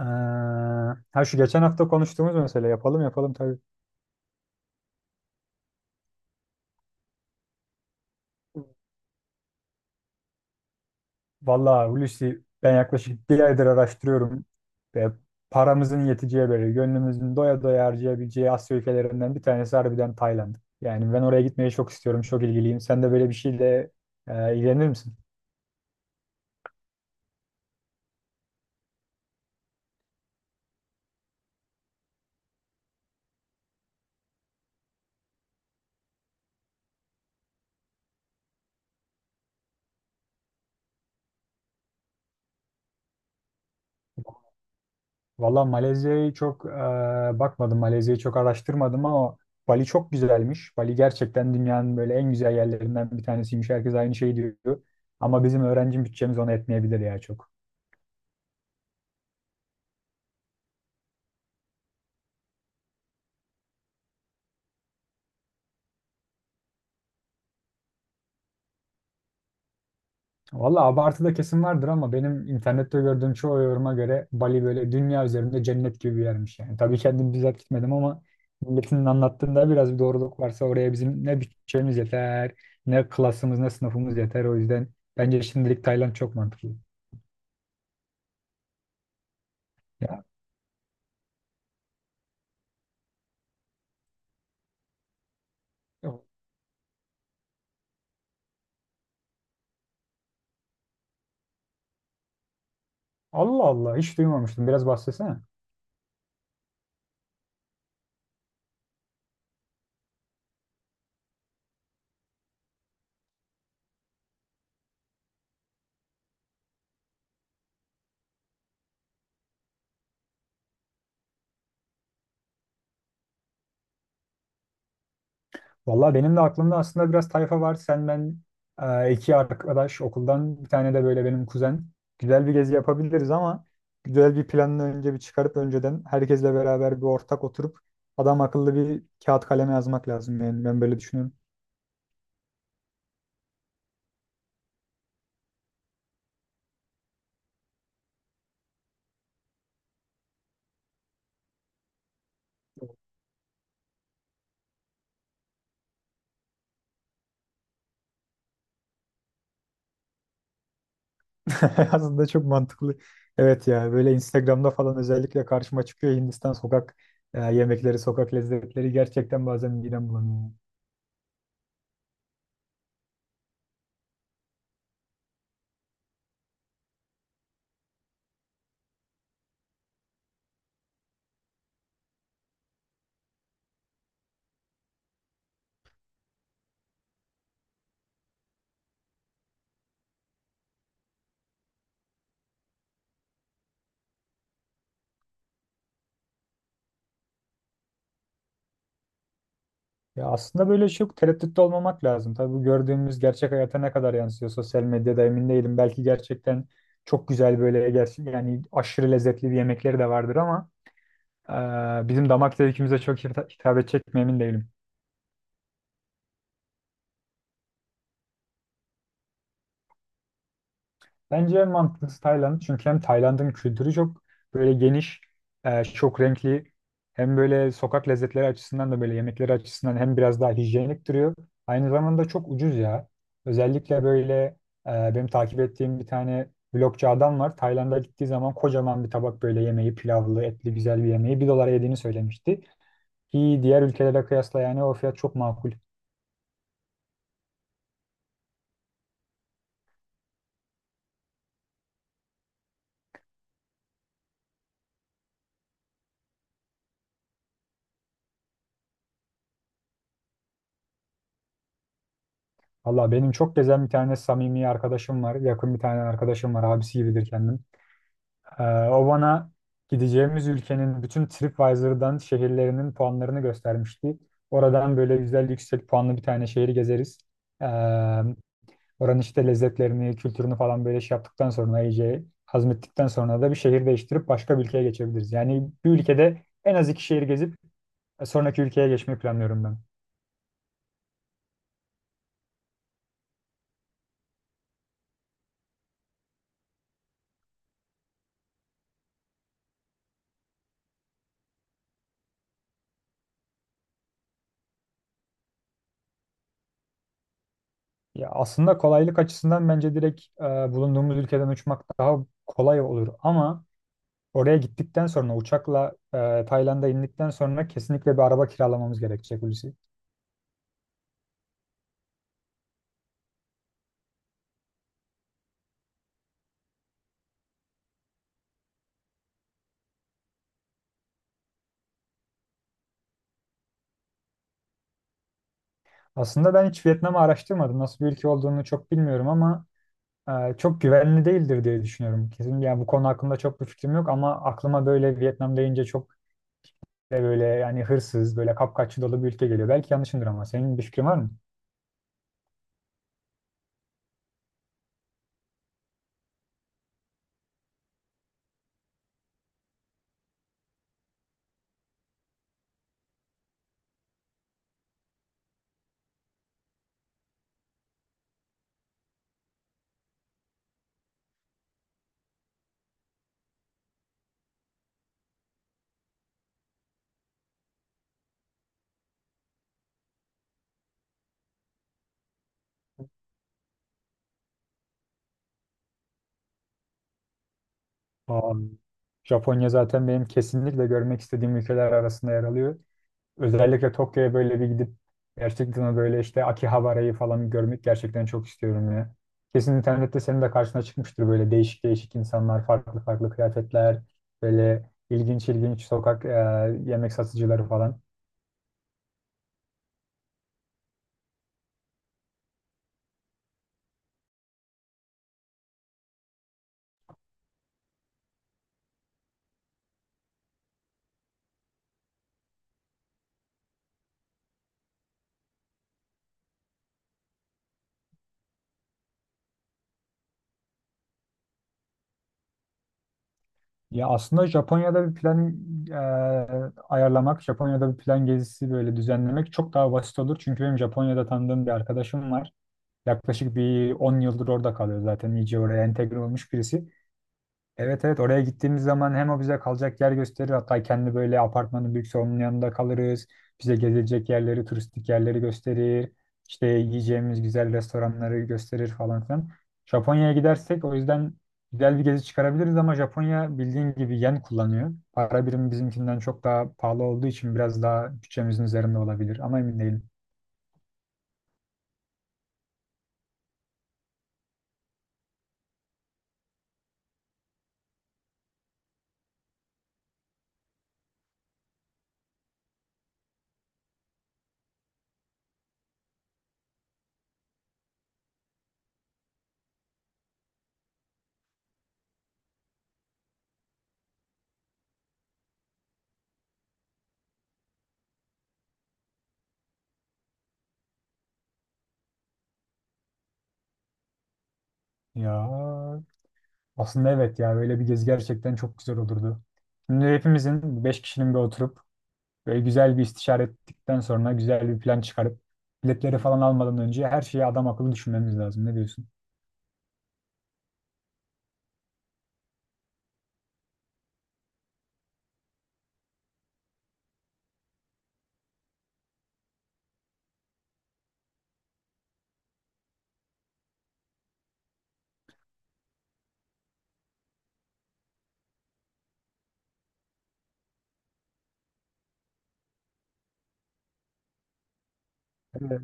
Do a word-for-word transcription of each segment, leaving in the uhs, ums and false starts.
Ee, ha şu geçen hafta konuştuğumuz mesele yapalım yapalım tabii. Vallahi Hulusi ben yaklaşık bir aydır araştırıyorum ve paramızın yeteceği böyle gönlümüzün doya doya harcayabileceği Asya ülkelerinden bir tanesi harbiden Tayland. Yani ben oraya gitmeyi çok istiyorum, çok ilgiliyim. Sen de böyle bir şeyle e, ilgilenir misin? Valla Malezya'yı çok e, bakmadım, Malezya'yı çok araştırmadım ama Bali çok güzelmiş. Bali gerçekten dünyanın böyle en güzel yerlerinden bir tanesiymiş. Herkes aynı şeyi diyor. Ama bizim öğrenci bütçemiz ona etmeyebilir ya çok. Valla abartıda kesin vardır ama benim internette gördüğüm çoğu yoruma göre Bali böyle dünya üzerinde cennet gibi bir yermiş yani. Tabii kendim bizzat gitmedim ama milletin anlattığında biraz bir doğruluk varsa oraya bizim ne bütçemiz yeter, ne klasımız, ne sınıfımız yeter. O yüzden bence şimdilik Tayland çok mantıklı. Ya, Allah Allah hiç duymamıştım. Biraz bahsetsene. Valla benim de aklımda aslında biraz tayfa var. Sen ben e, iki arkadaş okuldan bir tane de böyle benim kuzen. Güzel bir gezi yapabiliriz ama güzel bir planını önce bir çıkarıp önceden herkesle beraber bir ortak oturup adam akıllı bir kağıt kaleme yazmak lazım. Yani ben böyle düşünüyorum. Aslında çok mantıklı. Evet ya böyle Instagram'da falan özellikle karşıma çıkıyor Hindistan sokak e, yemekleri, sokak lezzetleri gerçekten bazen midem bulanıyor. Ya aslında böyle çok tereddütte olmamak lazım. Tabii bu gördüğümüz gerçek hayata ne kadar yansıyor sosyal medyada emin değilim. Belki gerçekten çok güzel böyle gerçek yani aşırı lezzetli bir yemekleri de vardır ama eee, bizim damak zevkimize çok hita- hitap edecek mi emin değilim. Bence en mantıklısı Tayland. Çünkü hem Tayland'ın kültürü çok böyle geniş, e, çok renkli. Hem böyle sokak lezzetleri açısından da böyle yemekleri açısından hem biraz daha hijyenik duruyor. Aynı zamanda çok ucuz ya. Özellikle böyle e, benim takip ettiğim bir tane vlogcu adam var. Tayland'a gittiği zaman kocaman bir tabak böyle yemeği, pilavlı, etli güzel bir yemeği bir dolara yediğini söylemişti. Ki diğer ülkelere kıyasla yani o fiyat çok makul. Valla benim çok gezen bir tane samimi arkadaşım var. Yakın bir tane arkadaşım var. Abisi gibidir kendim. Ee, O bana gideceğimiz ülkenin bütün TripAdvisor'dan şehirlerinin puanlarını göstermişti. Oradan böyle güzel yüksek puanlı bir tane şehri gezeriz. Ee, Oranın işte lezzetlerini, kültürünü falan böyle şey yaptıktan sonra iyice hazmettikten sonra da bir şehir değiştirip başka bir ülkeye geçebiliriz. Yani bir ülkede en az iki şehir gezip e, sonraki ülkeye geçmeyi planlıyorum ben. Ya aslında kolaylık açısından bence direkt e, bulunduğumuz ülkeden uçmak daha kolay olur ama oraya gittikten sonra uçakla e, Tayland'a indikten sonra kesinlikle bir araba kiralamamız gerekecek Hulusi. Aslında ben hiç Vietnam'ı araştırmadım. Nasıl bir ülke olduğunu çok bilmiyorum ama e, çok güvenli değildir diye düşünüyorum. Kesin yani bu konu hakkında çok bir fikrim yok ama aklıma böyle Vietnam deyince çok e, böyle yani hırsız, böyle kapkaççı dolu bir ülke geliyor. Belki yanlışımdır ama senin bir fikrin var mı? Aa, Japonya zaten benim kesinlikle görmek istediğim ülkeler arasında yer alıyor. Özellikle Tokyo'ya böyle bir gidip gerçekten o böyle işte Akihabara'yı falan görmek gerçekten çok istiyorum ya. Kesin internette senin de karşına çıkmıştır böyle değişik değişik insanlar, farklı farklı kıyafetler, böyle ilginç ilginç sokak e, yemek satıcıları falan. Ya aslında Japonya'da bir plan e, ayarlamak, Japonya'da bir plan gezisi böyle düzenlemek çok daha basit olur. Çünkü benim Japonya'da tanıdığım bir arkadaşım var. Yaklaşık bir on yıldır orada kalıyor zaten. İyice oraya entegre olmuş birisi. Evet evet, oraya gittiğimiz zaman hem o bize kalacak yer gösterir, hatta kendi böyle apartmanın büyükse onun yanında kalırız. Bize gezilecek yerleri, turistik yerleri gösterir. İşte yiyeceğimiz güzel restoranları gösterir falan filan. Japonya'ya gidersek o yüzden güzel bir gezi çıkarabiliriz ama Japonya bildiğin gibi yen kullanıyor. Para birimi bizimkinden çok daha pahalı olduğu için biraz daha bütçemizin üzerinde olabilir ama emin değilim. Ya aslında evet ya böyle bir gezi gerçekten çok güzel olurdu. Şimdi hepimizin beş kişinin bir oturup böyle güzel bir istişare ettikten sonra güzel bir plan çıkarıp biletleri falan almadan önce her şeyi adam akıllı düşünmemiz lazım. Ne diyorsun? Evet.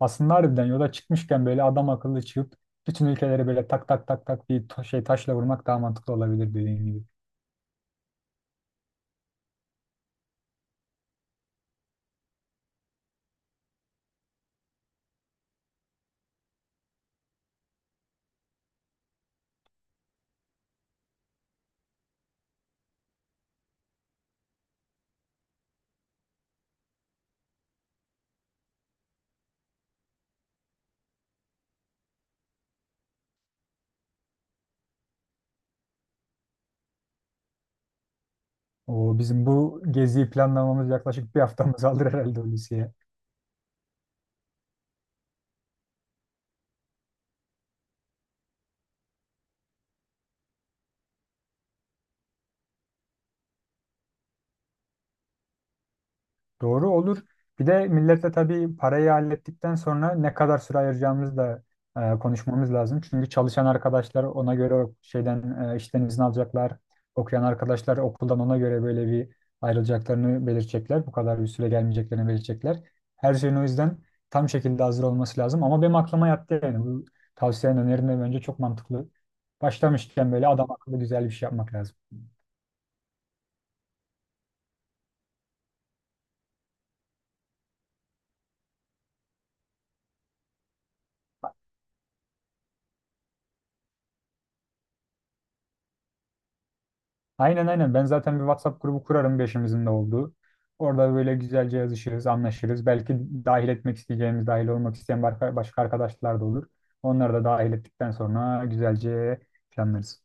Aslında harbiden yola çıkmışken böyle adam akıllı çıkıp bütün ülkeleri böyle tak tak tak tak bir ta- şey taşla vurmak daha mantıklı olabilir dediğin gibi. O bizim bu geziyi planlamamız yaklaşık bir haftamız alır herhalde Hulusi. Doğru olur. Bir de milletle tabii parayı hallettikten sonra ne kadar süre ayıracağımızı da e, konuşmamız lazım. Çünkü çalışan arkadaşlar ona göre o şeyden e, işten izin alacaklar. Okuyan arkadaşlar okuldan ona göre böyle bir ayrılacaklarını belirtecekler. Bu kadar bir süre gelmeyeceklerini belirtecekler. Her şeyin o yüzden tam şekilde hazır olması lazım. Ama benim aklıma yattı yani. Bu tavsiyenin önerin de bence çok mantıklı. Başlamışken böyle adam akıllı güzel bir şey yapmak lazım. Aynen aynen. Ben zaten bir WhatsApp grubu kurarım beşimizin de olduğu. Orada böyle güzelce yazışırız, anlaşırız. Belki dahil etmek isteyeceğimiz, dahil olmak isteyen barka- başka arkadaşlar da olur. Onları da dahil ettikten sonra güzelce planlarız.